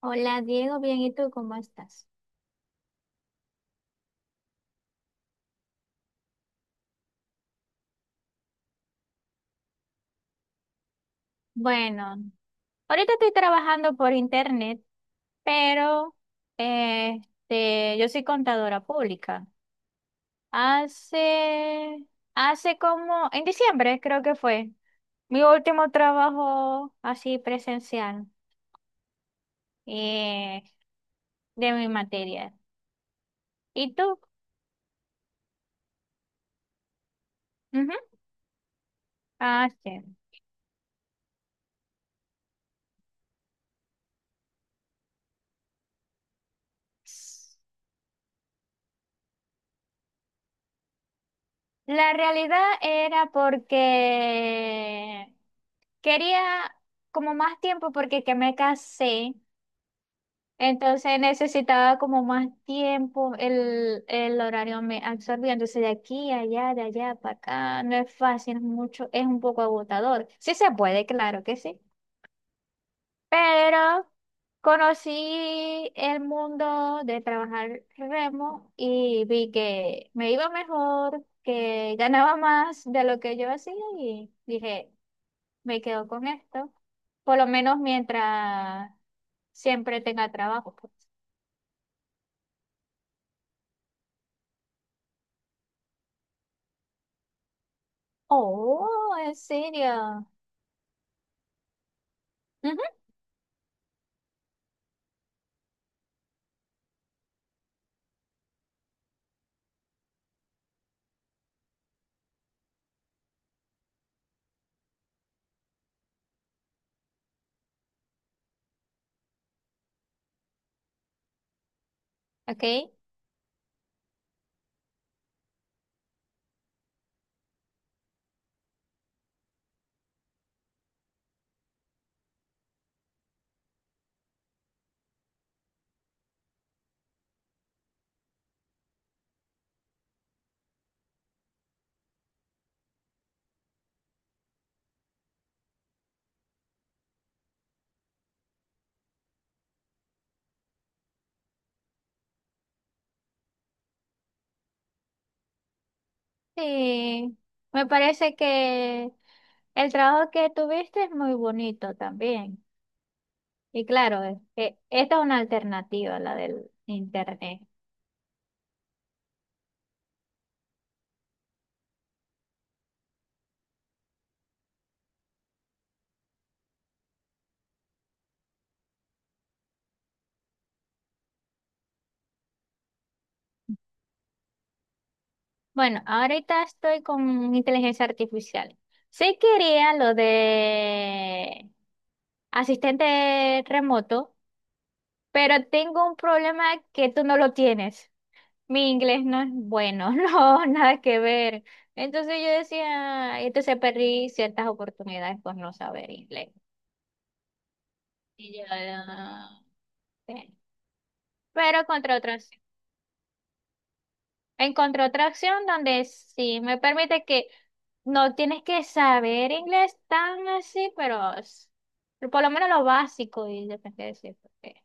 Hola Diego, bien, ¿y tú cómo estás? Bueno, ahorita estoy trabajando por internet, pero yo soy contadora pública. Hace, hace como, en diciembre creo que fue, mi último trabajo así presencial, eh, de mi materia. ¿Y tú? Ujú. Ah, sí. La realidad era porque quería como más tiempo porque que me casé, entonces necesitaba como más tiempo, el horario me absorbía, entonces de aquí a allá, de allá para acá, no es fácil, es mucho, es un poco agotador. Sí se puede, claro que sí, pero conocí el mundo de trabajar remo y vi que me iba mejor, que ganaba más de lo que yo hacía y dije, me quedo con esto, por lo menos mientras siempre tenga trabajo, pues. Oh, ¿en serio? Ujú, ok, sí. Me parece que el trabajo que tuviste es muy bonito también. Y claro, es que esta es una alternativa, la del internet. Bueno, ahorita estoy con inteligencia artificial. Sí quería lo de asistente remoto, pero tengo un problema que tú no lo tienes. Mi inglés no es bueno, no, nada que ver. Entonces yo decía, entonces perdí ciertas oportunidades por no saber inglés. Y yo, sí. Pero contra otras. Encontré otra opción donde sí me permite que no tienes que saber inglés tan así, por lo menos lo básico y depende de decir porque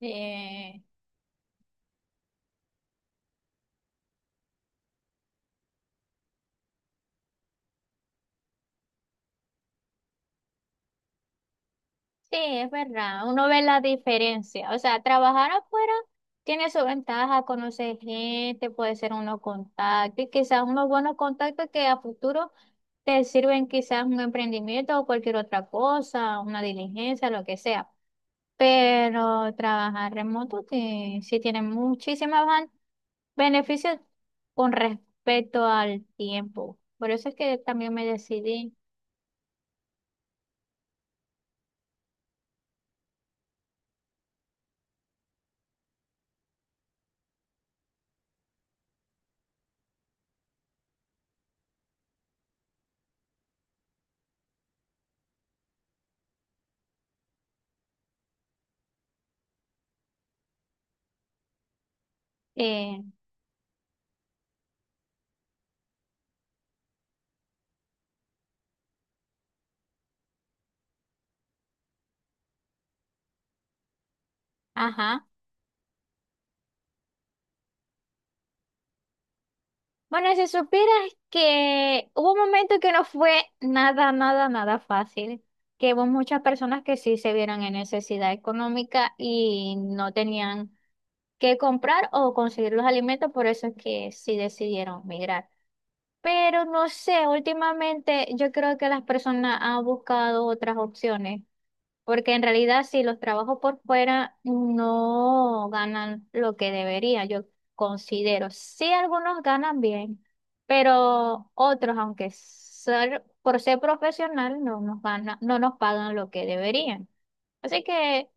eh, sí, es verdad, uno ve la diferencia. O sea, trabajar afuera tiene su ventaja, conocer gente, puede ser uno contacto y quizás unos buenos contactos que a futuro te sirven quizás un emprendimiento o cualquier otra cosa, una diligencia, lo que sea. Pero trabajar remoto sí, sí tiene muchísimos beneficios con respecto al tiempo. Por eso es que también me decidí. eh, ajá. Bueno, si supieras que hubo un momento que no fue nada, nada, nada fácil, que hubo muchas personas que sí se vieron en necesidad económica y no tenían que comprar o conseguir los alimentos, por eso es que sí decidieron migrar. Pero no sé, últimamente yo creo que las personas han buscado otras opciones, porque en realidad si los trabajos por fuera no ganan lo que debería, yo considero. Sí, algunos ganan bien, pero otros, aunque ser, por ser profesional, no nos gana, no nos pagan lo que deberían. Así que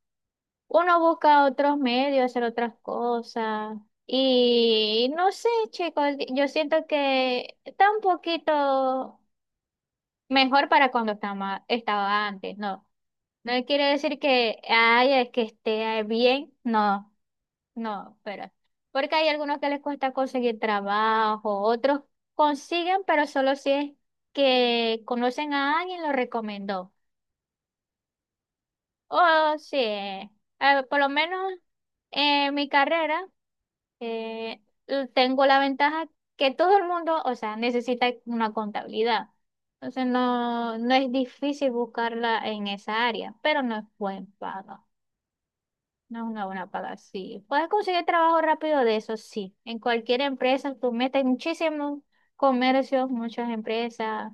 uno busca otros medios, hacer otras cosas. Y no sé, chicos, yo siento que está un poquito mejor para cuando estaba antes, ¿no? No quiere decir que, ay, es que esté bien, no, no, pero porque hay algunos que les cuesta conseguir trabajo, otros consiguen, pero solo si es que conocen a alguien lo recomendó. Oh, sí. Por lo menos en mi carrera, eh, tengo la ventaja que todo el mundo, o sea, necesita una contabilidad. Entonces no, no es difícil buscarla en esa área, pero no es buen pago. No es una buena paga, sí. Puedes conseguir trabajo rápido de eso, sí. En cualquier empresa, tú metes muchísimos comercios, muchas empresas.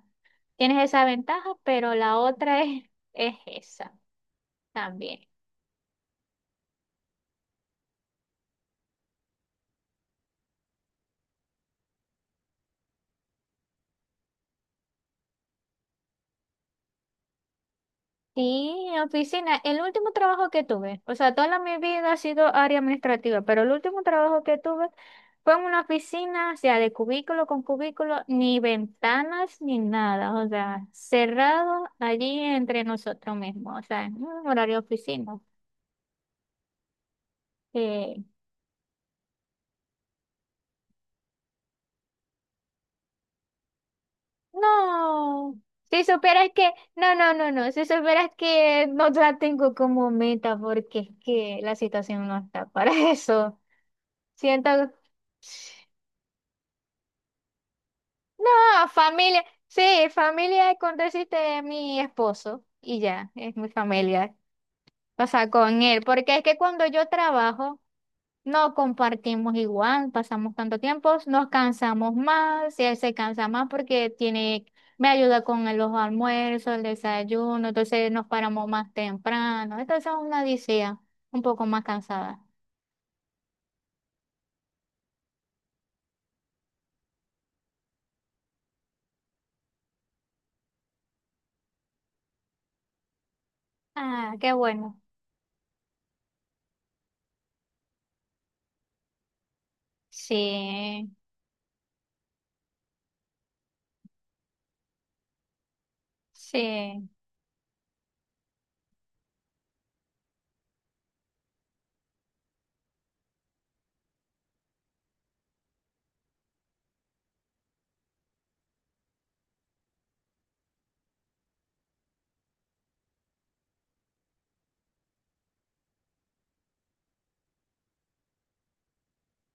Tienes esa ventaja, pero la otra es esa también. Sí, en oficina. El último trabajo que tuve, o sea, mi vida ha sido área administrativa, pero el último trabajo que tuve fue en una oficina, o sea, de cubículo con cubículo, ni ventanas ni nada, o sea, cerrado allí entre nosotros mismos, o sea, en un horario de oficina. Eh, no, si supieras que, no, no, no, no, si supieras que no la tengo como meta porque es que la situación no está para eso. Siento. No, familia, sí, familia con decirte de mi esposo y ya, es mi familia. O sea, con él, porque es que cuando yo trabajo, no compartimos igual, pasamos tanto tiempo, nos cansamos más, y él se cansa más porque tiene, me ayuda con los almuerzos, el desayuno, entonces nos paramos más temprano, entonces es una odisea, un poco más cansada. Ah, qué bueno. Sí, sí,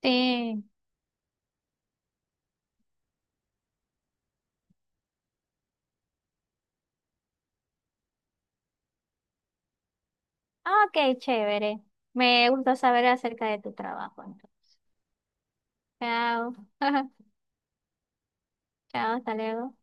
sí. Ah, ok, chévere. Me gusta saber acerca de tu trabajo, entonces. Chao. Chao, hasta luego.